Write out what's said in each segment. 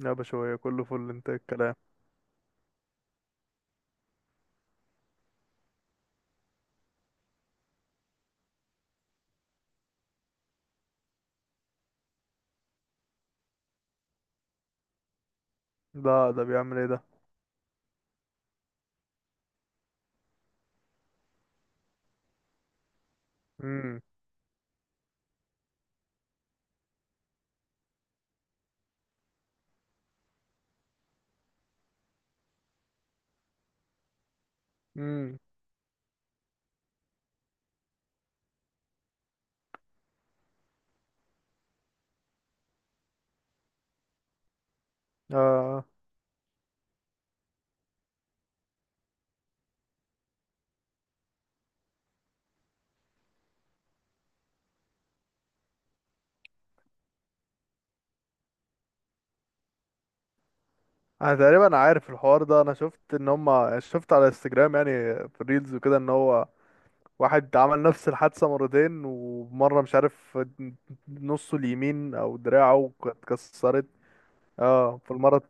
لا بشوية كله فل. انت إيه الكلام؟ ده بيعمل ايه ده؟ امم امم آه. انا تقريبا عارف الحوار ده. انا شفت ان هما شفت على انستجرام يعني في الريلز وكده ان هو واحد عمل نفس الحادثة مرتين ومرة مش عارف نصه اليمين او دراعه اتكسرت. اه في المرة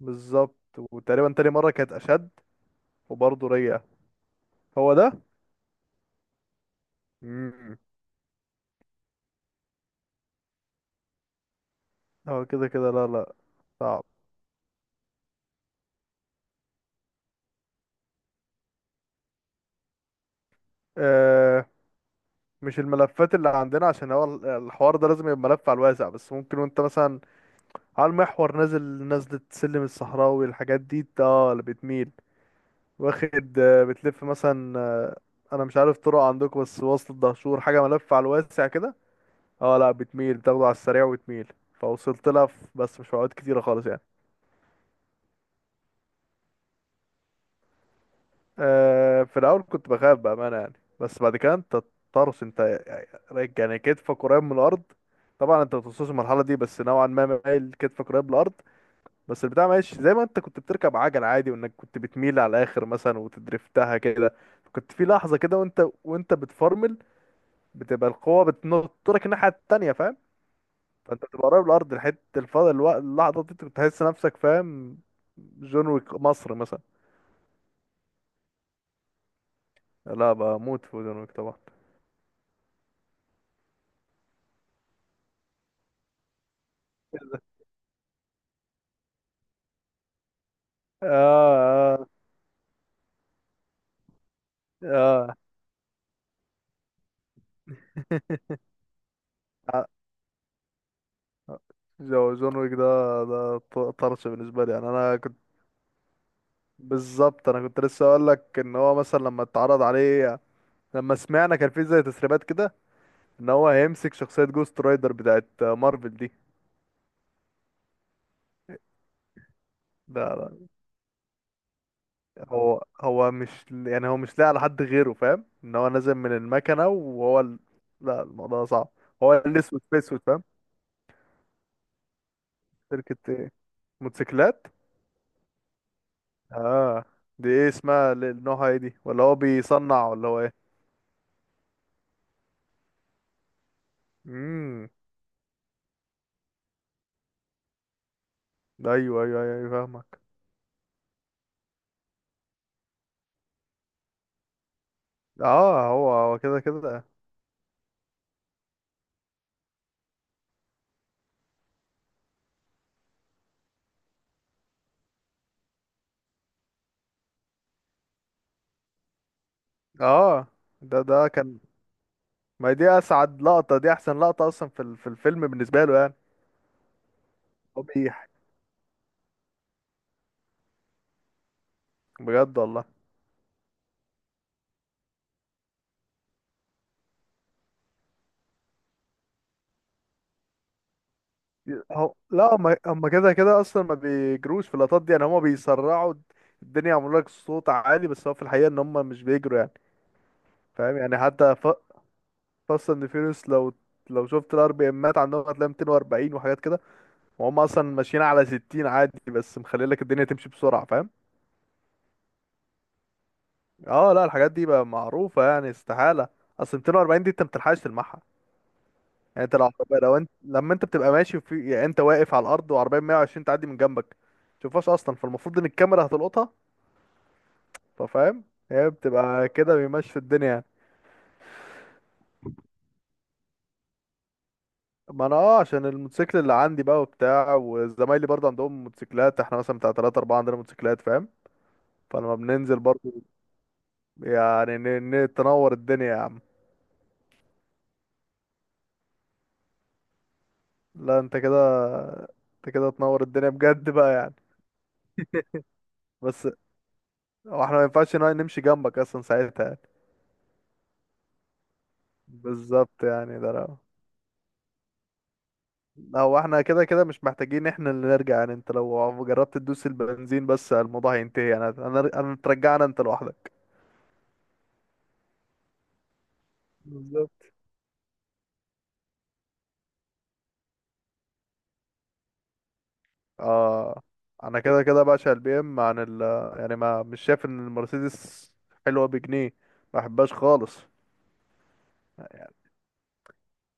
بالظبط، وتقريبا تاني مرة كانت اشد وبرضه رجع. هو ده. امم هو كده كده. لا لا، صعب. آه، مش الملفات اللي عندنا عشان هو الحوار ده لازم يبقى ملف على الواسع، بس ممكن وانت مثلا على المحور نازل نزلة سلم الصحراوي، الحاجات دي اللي بتميل واخد. بتلف مثلا. انا مش عارف طرق عندكم، بس وصل الدهشور حاجة ملف على الواسع كده. اه لا، بتميل، بتاخده على السريع وتميل. فوصلت لها بس مش في اوقات كتيرة خالص يعني. آه، في الاول كنت بخاف بامانه يعني. بس بعد كده انت طرس انت، يعني كتفك قريب من الارض. طبعا انت بتوصلش المرحله دي، بس نوعا ما مايل، كتفك قريب من الارض. بس البتاع ماشي زي ما انت كنت بتركب عجله عادي، وانك كنت بتميل على الاخر مثلا وتدرفتها كده. كنت في لحظه كده، وانت بتفرمل بتبقى القوه بتنطرك الناحيه التانيه، فاهم؟ فانت بتبقى قريب من الارض لحد الفضل الوقت اللحظه دي، بتحس نفسك، فاهم؟ جون ويك مصر مثلا. لا، بموت في جون ويك طبعا. آه آه. اه، ع- جون ويك ده، طرش بالنسبه لي يعني. انا كنت، بالظبط انا كنت لسه اقول لك ان هو مثلا لما اتعرض عليه، لما سمعنا كان في زي تسريبات كده ان هو هيمسك شخصيه جوست رايدر بتاعت مارفل دي. ده ده- هو مش يعني، هو مش لاقي على حد غيره، فاهم؟ ان هو نازل من المكنه، وهو لا الموضوع صعب. هو الاسود في اسود، فاهم؟ شركه ايه؟ موتوسيكلات؟ اه، دي ايه اسمها، نوعها ايه دي، ولا هو بيصنع، ولا هو ايه؟ مم. ايوه ايوه ايوه أيوة، فاهمك. اه هو كده كده. اه ده كان. ما هي دي اسعد لقطة، دي احسن لقطة اصلا في في الفيلم بالنسبة له يعني. هو بيح، بجد والله؟ هو لا، هم كده كده اصلا ما بيجروش في اللقطات دي يعني، هم بيسرعوا الدنيا يعملوا لك صوت عالي، بس هو في الحقيقة ان هم مش بيجروا يعني. فاهم يعني؟ حتى فاست اند فيوريوس، لو شفت الار بي امات عندهم هتلاقي 240 وحاجات كده، وهم اصلا ماشيين على 60 عادي، بس مخلي لك الدنيا تمشي بسرعة، فاهم؟ اه لا، الحاجات دي بقى معروفة يعني، استحالة. اصل 240 دي انت متلحقش تلمحها. يعني انت لو عربية، لو انت لما انت بتبقى ماشي في، يعني انت واقف على الارض وعربية 120 تعدي من جنبك، متشوفهاش اصلا. فالمفروض ان الكاميرا هتلقطها، ففاهم. هي بتبقى كده، بيمشي في الدنيا يعني. ما انا عشان الموتوسيكل اللي عندي بقى وبتاع، وزمايلي برضه عندهم موتوسيكلات، احنا مثلا بتاع 3 4 عندنا موتوسيكلات، فاهم؟ فلما بننزل برضه، يعني تنور الدنيا يا عم. لا، انت كده، تنور الدنيا بجد بقى يعني. بس هو احنا ما ينفعش نمشي جنبك اصلا ساعتها. بالظبط يعني، ده لو هو احنا كده كده مش محتاجين احنا اللي نرجع يعني، انت لو جربت تدوس البنزين بس، الموضوع هينتهي يعني. انا ترجعنا انت لوحدك. بالظبط. اه انا كده كده بعشق البي ام عن ال، يعني ما مش شايف ان المرسيدس حلوه بجنيه، ما بحبهاش خالص.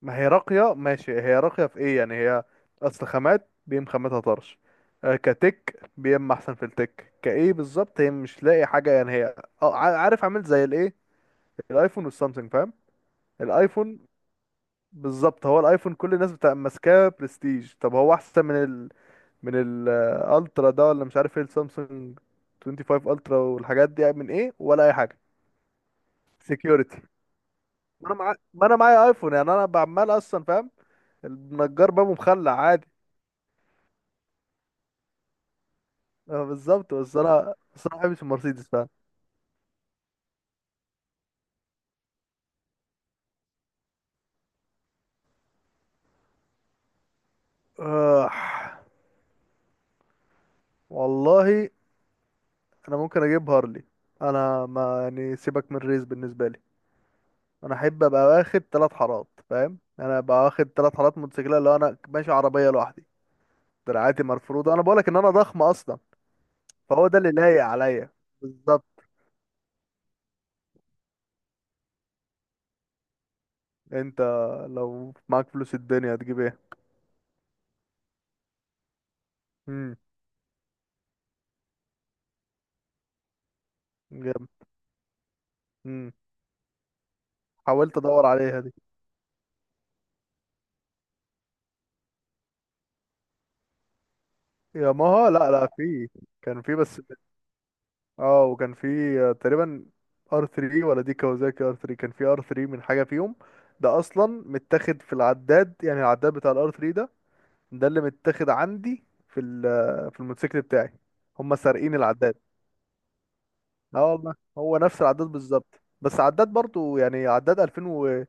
ما هي راقية ماشي، هي راقية في ايه يعني هي؟ اصل خامات بيم، خاماتها طرش. آه، كتك بيم احسن في التك كايه بالظبط، هي مش لاقي حاجة يعني هي. اه عارف، عامل زي الايه، الايفون والسامسونج، فاهم؟ الايفون، بالظبط هو الايفون كل الناس بتبقى ماسكاه برستيج، طب هو احسن من ال، من الالترا ده، ولا مش عارف ايه، السامسونج 25 الترا والحاجات دي يعني، من ايه ولا اي حاجة. سكيورتي. ما انا معايا، ايفون يعني، انا بعمال اصلا، فاهم؟ النجار بابه مخلع عادي. اه بالظبط، بس انا ما بحبش المرسيدس فعلا. آه والله، انا ممكن اجيب هارلي. انا ما يعني، سيبك من الريس بالنسبه لي، انا احب ابقى واخد ثلاث حارات، فاهم يعني، انا ابقى واخد ثلاث حارات موتوسيكلات لو انا ماشي عربيه لوحدي. دراعاتي مرفوضه، انا بقولك ان انا ضخم اصلا. فهو ده اللي لايق عليا. بالظبط. انت لو معاك فلوس الدنيا هتجيب ايه؟ امم جامد. امم حاولت ادور عليها دي. يا ماها، لا لا، في. كان في بس. اه وكان في. آه، تقريبا ار 3، ولا دي كاوزاكي ار 3. كان في ار 3 من حاجه فيهم. ده اصلا متاخد في العداد يعني، العداد بتاع الار 3 ده، ده اللي متاخد عندي في آه، في الموتوسيكل بتاعي. هم سارقين العداد. اه والله، هو نفس العداد بالظبط، بس عداد برضو يعني عداد 2000 و...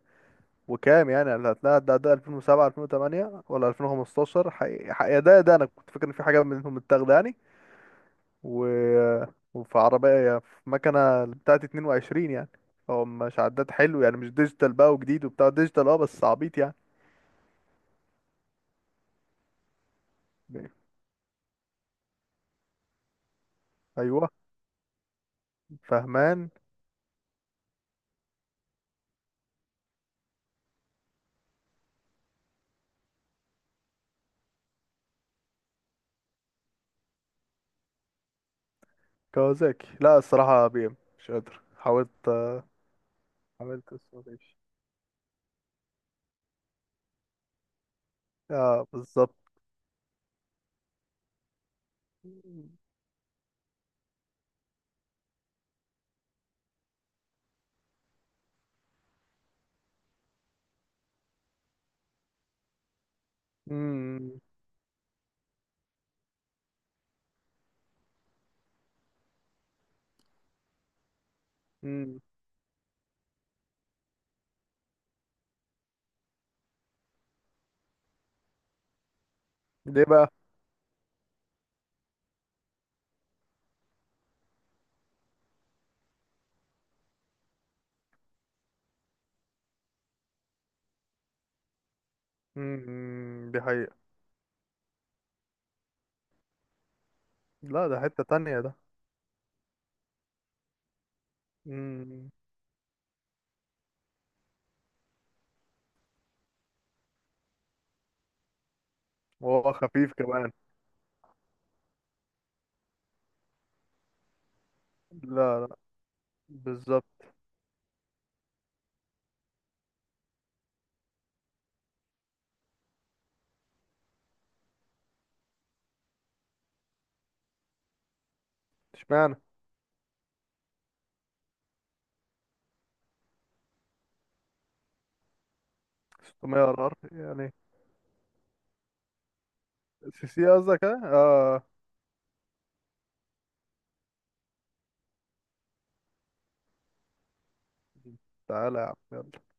وكام يعني، اللي هتلاقي عداد 2007 2008 ولا 2015. حقيقة ده انا كنت فاكر ان في حاجه منهم متاخده يعني. و... وفي عربية، يعني في مكنة بتاعت 22 يعني. هو مش عداد حلو يعني، مش ديجيتال بقى وجديد وبتاع ديجيتال، اه بس عبيط يعني. ايوه فهمان. كوازاكي، لا الصراحة بي ام مش قادر، حاولت. اه عملت الصوتيش. آه، بالظبط. مم، مم. ليه بقى؟ مم، دي حقيقة. لا ده حتة تانية ده. مم. وهو خفيف كمان. لا لا. بالظبط. اشمعنى؟ 600 ار ار يعني؟ سي سي قصدك ها؟ اه. تعالى يا عم يلا.